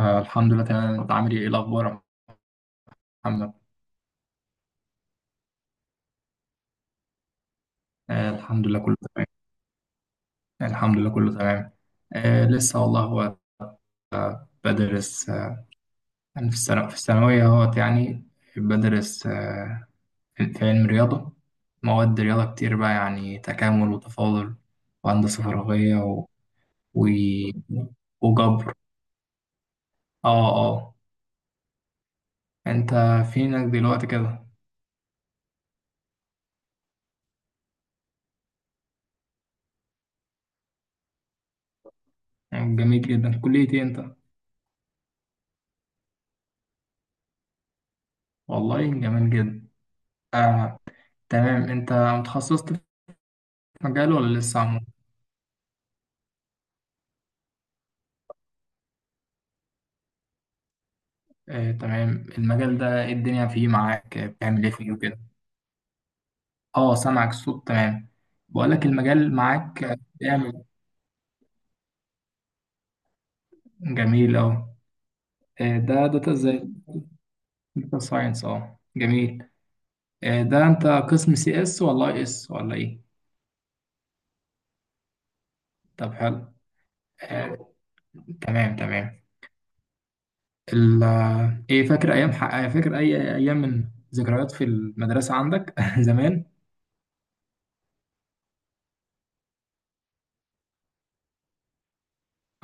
الحمد لله تمام، انت عامل ايه؟ إيه الاخبار يا محمد؟ الحمد لله كله تمام. الحمد لله كله تمام. لسه والله، هو بدرس. انا في الثانوية، اهوت يعني. بدرس. في علم رياضة، مواد رياضة كتير بقى يعني، تكامل وتفاضل وهندسة فراغية و... وجبر. اه اه. انت فينك دلوقتي كده؟ جميل جدا، كلية ايه انت؟ والله جميل جدا. آه تمام، انت متخصصت في مجال ولا لسه؟ تمام، المجال ده إيه الدنيا فيه معاك؟ بتعمل ايه فيه وكده؟ اه، سامعك، الصوت تمام. بقولك المجال معاك، بيعمل. جميل. اه. ده داتا ازاي؟ داتا ساينس، اه جميل. ده انت قسم سي اس ولا اي اس ولا ايه؟ طب حلو. آه، تمام تمام. ال آه، ايه فاكر ايام ح- آه، فاكر اي ايام من ذكريات في المدرسة عندك زمان؟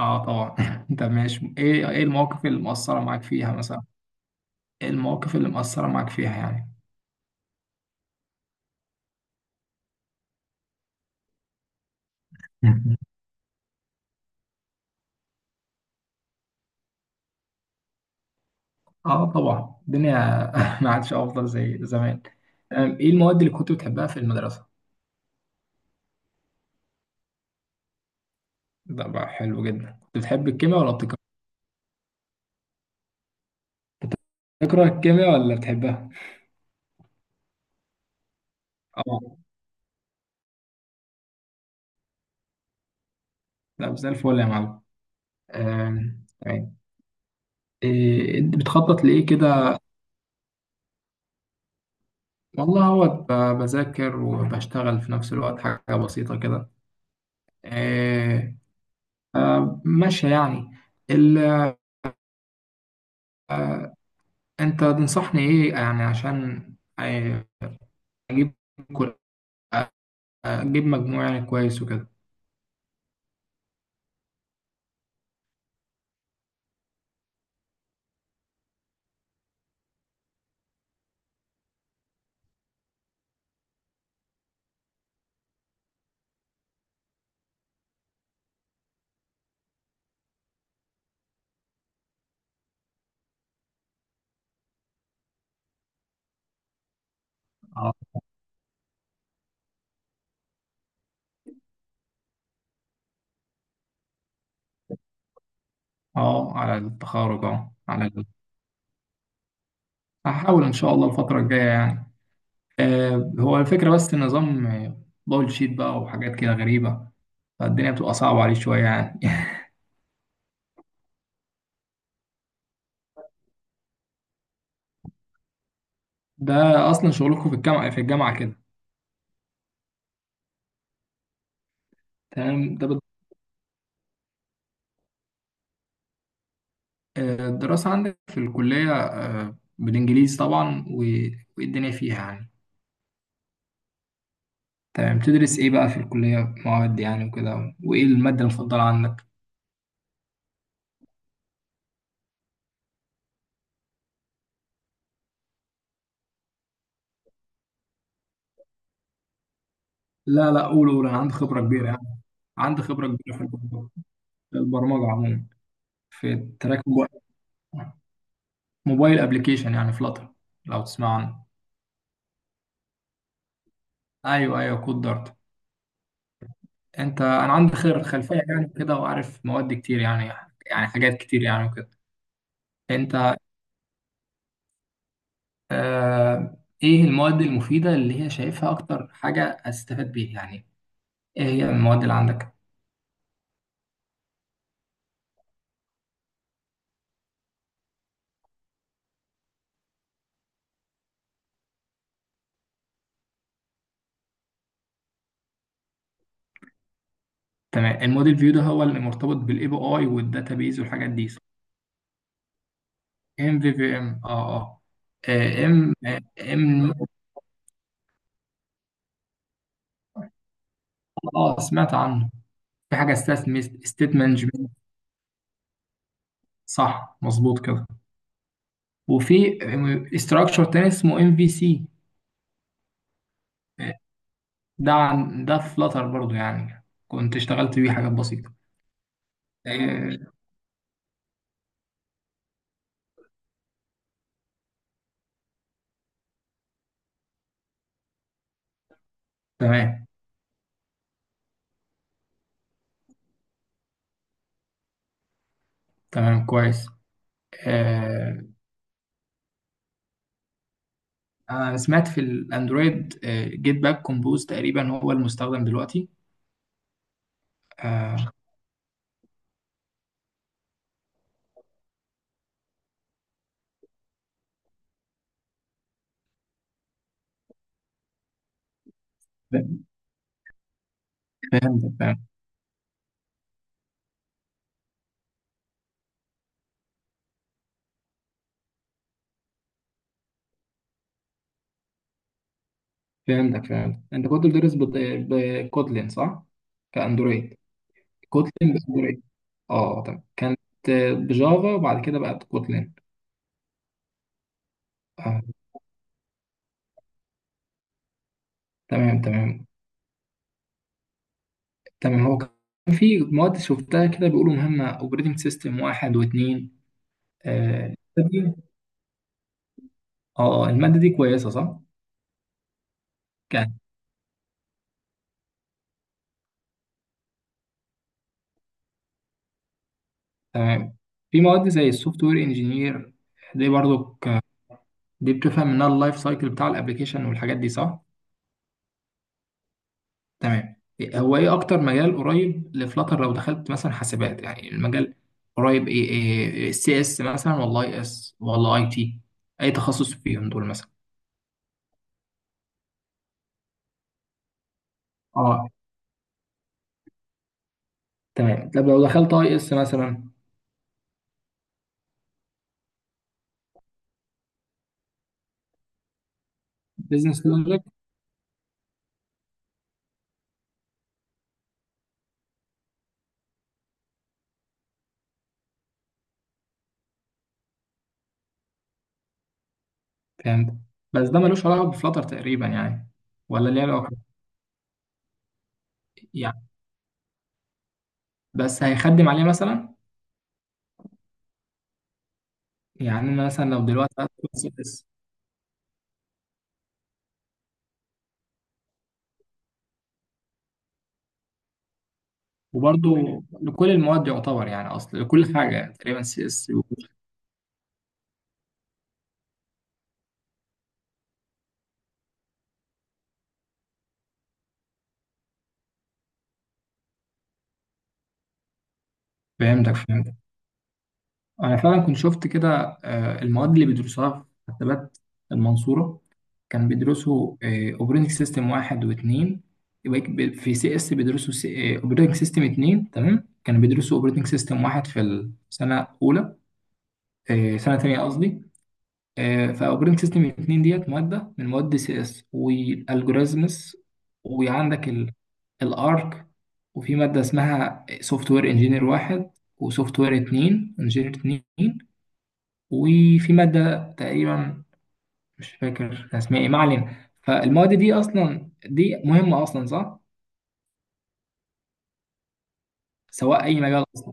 اه طبعا. طب ماشي، ايه المواقف اللي مؤثرة معاك فيها مثلا؟ ايه المواقف اللي مؤثرة معاك فيها يعني؟ مم. اه طبعا الدنيا، ما عادش افضل زي زمان. ايه المواد اللي كنت بتحبها في المدرسه؟ ده بقى حلو جدا. كنت بتحب الكيمياء ولا بتكره؟ بتكره الكيمياء ولا بتحبها؟ اه، لا زي الفل يا معلم. تمام. إيه أنت بتخطط لايه كده؟ والله هو بذاكر وبشتغل في نفس الوقت، حاجه بسيطه كده. إيه، ماشيه يعني. ال- آه، انت تنصحني ايه يعني عشان آه، اجيب، مجموع يعني كويس وكده؟ اه اه، على التخرج، اه على هحاول ان شاء الله الفتره الجايه يعني. آه، هو الفكره، بس النظام دبل شيت بقى وحاجات كده غريبه، فالدنيا بتبقى صعبه عليه شويه يعني. ده اصلا شغلكم في الجامعه، كده. تمام. الدراسه عندك في الكليه بالانجليزي طبعا والدنيا فيها يعني. تمام، تدرس ايه بقى في الكليه، مواد يعني وكده، وايه الماده المفضله عندك؟ لا لا، قول قول، انا عندي خبره كبيره يعني. عندي خبره كبيره في البرمجه، في البرمجة عموما. في تراك موبايل، موبايل ابلكيشن يعني فلاتر، لو تسمع عنه. ايوه ايوه، كود دارت. انا عندي خير خلفيه يعني كده، وعارف مواد كتير يعني، حاجات كتير يعني وكده. انت آه ايه المواد المفيده اللي هي شايفها اكتر حاجه استفاد بيها يعني؟ ايه هي المواد اللي عندك؟ تمام، الموديل فيو ده هو اللي مرتبط بالاي بي اي والداتابيز والحاجات دي. MVVM، اه اه. آه، ام ام اه، سمعت عنه. في حاجه اسمها ستيت مانجمنت. صح مظبوط كده. وفي استراكشر تاني اسمه MVC. ده عن ده فلاتر برضو يعني، كنت اشتغلت بيه حاجات بسيطه. آه، تمام تمام كويس. آه، انا سمعت في الاندرويد جيت باك كومبوز تقريبا هو المستخدم دلوقتي. آه، فهمت فهمتك فهمتك، انت كنت بتدرس بكوتلين صح؟ كاندرويد، كوتلين باندرويد، اه تمام، كانت بجافا وبعد كده بقت كوتلين. آه. تمام تمام تمام. هو كان في مواد شفتها كده بيقولوا مهمة، اوبريتنج سيستم واحد واثنين. اه، المادة دي كويسة صح؟ كان تمام. في مواد زي السوفت وير انجينير، دي برضو دي بتفهم منها اللايف سايكل بتاع الابلكيشن والحاجات دي صح؟ تمام. هو ايه اكتر مجال قريب لفلاتر لو دخلت مثلا حاسبات؟ يعني المجال قريب ايه؟ ايه، سي اس مثلا ولا اي اس ولا اي تي؟ اي تخصص فيهم دول مثلا؟ اه تمام. طب لو دخلت اي اس مثلا بزنس لوجيك؟ فهمت، بس ده ملوش علاقه بفلاتر تقريبا يعني، ولا ليه علاقه يعني؟ بس هيخدم عليه مثلا؟ يعني انا مثلا لو دلوقتي هدخل سي اس. وبرضه لكل المواد يعتبر يعني، اصل لكل حاجه تقريبا سي اس. فهمتك فهمتك. أنا فعلا كنت شفت كده، المواد اللي بيدرسوها في حسابات المنصورة، كان بيدرسوا أوبريتنج سيستم واحد واتنين. يبقى في سي اس بيدرسوا أوبريتنج سيستم اتنين. تمام، كانوا بيدرسوا أوبريتنج سيستم واحد في السنة الأولى، سنة تانية قصدي. فأوبريتنج سيستم اتنين ديت مادة من مواد سي اس، والألجوريزمز، وعندك الارك، وفي مادة اسمها سوفت وير انجينير واحد وسوفت وير اتنين انجينير اتنين، وفي مادة تقريبا مش فاكر كان اسمها ايه، ما علينا. فالمواد دي اصلا دي مهمة اصلا صح، سواء اي مجال اصلا.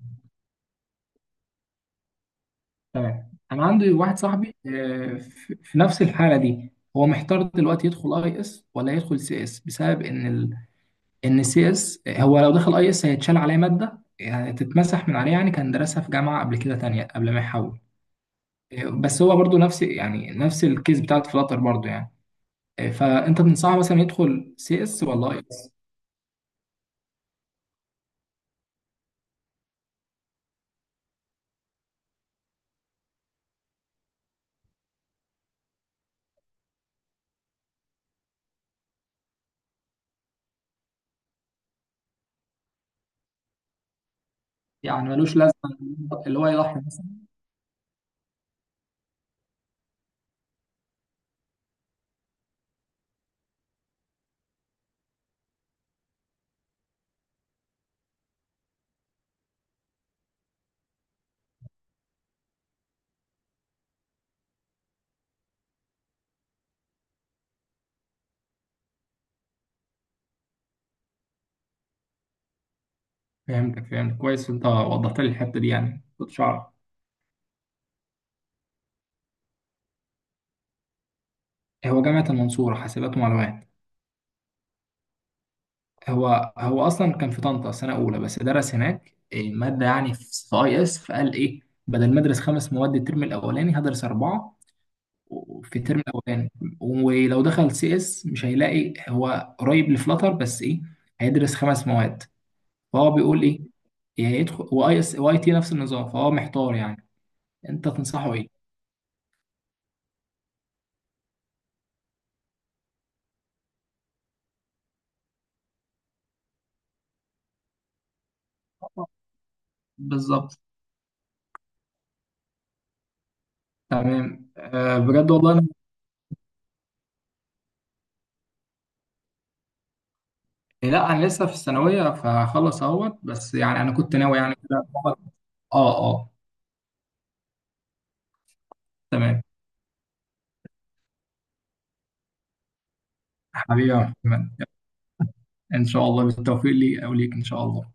تمام. انا عندي واحد صاحبي في نفس الحالة دي، هو محتار دلوقتي يدخل اي اس ولا يدخل سي اس بسبب ان ان سي اس، هو لو دخل اي اس هيتشال عليه مادة يعني تتمسح من عليه يعني، كان درسها في جامعة قبل كده تانية قبل ما يحول. بس هو برضو نفس يعني نفس الكيس بتاعت فلاتر برضو يعني. فانت تنصحه مثلا يدخل سي اس ولا اي اس؟ يعني ملوش لازمة اللي هو يضحي مثلا؟ فهمتك فهمتك كويس، انت وضحت لي الحتة دي يعني كنتش اعرف. هو جامعة المنصورة حاسبات ومعلومات. هو هو اصلا كان في طنطا سنة اولى بس درس هناك مادة يعني في اي اس، فقال ايه بدل ما ادرس 5 مواد الترم الاولاني هدرس اربعة، في الترم الاولاني. ولو دخل سي اس مش هيلاقي هو قريب لفلاتر، بس ايه هيدرس 5 مواد. فهو بيقول ايه، يا يدخل واي اس واي تي نفس النظام، فهو محتار يعني. انت تنصحه ايه؟ بالظبط. تمام. بجد والله أنا... لا انا لسه في الثانويه، فهخلص اهوت بس يعني، انا كنت ناوي يعني كده. اه اه، تمام. حبيبي يا محمد، ان شاء الله بالتوفيق لي او ليك ان شاء الله.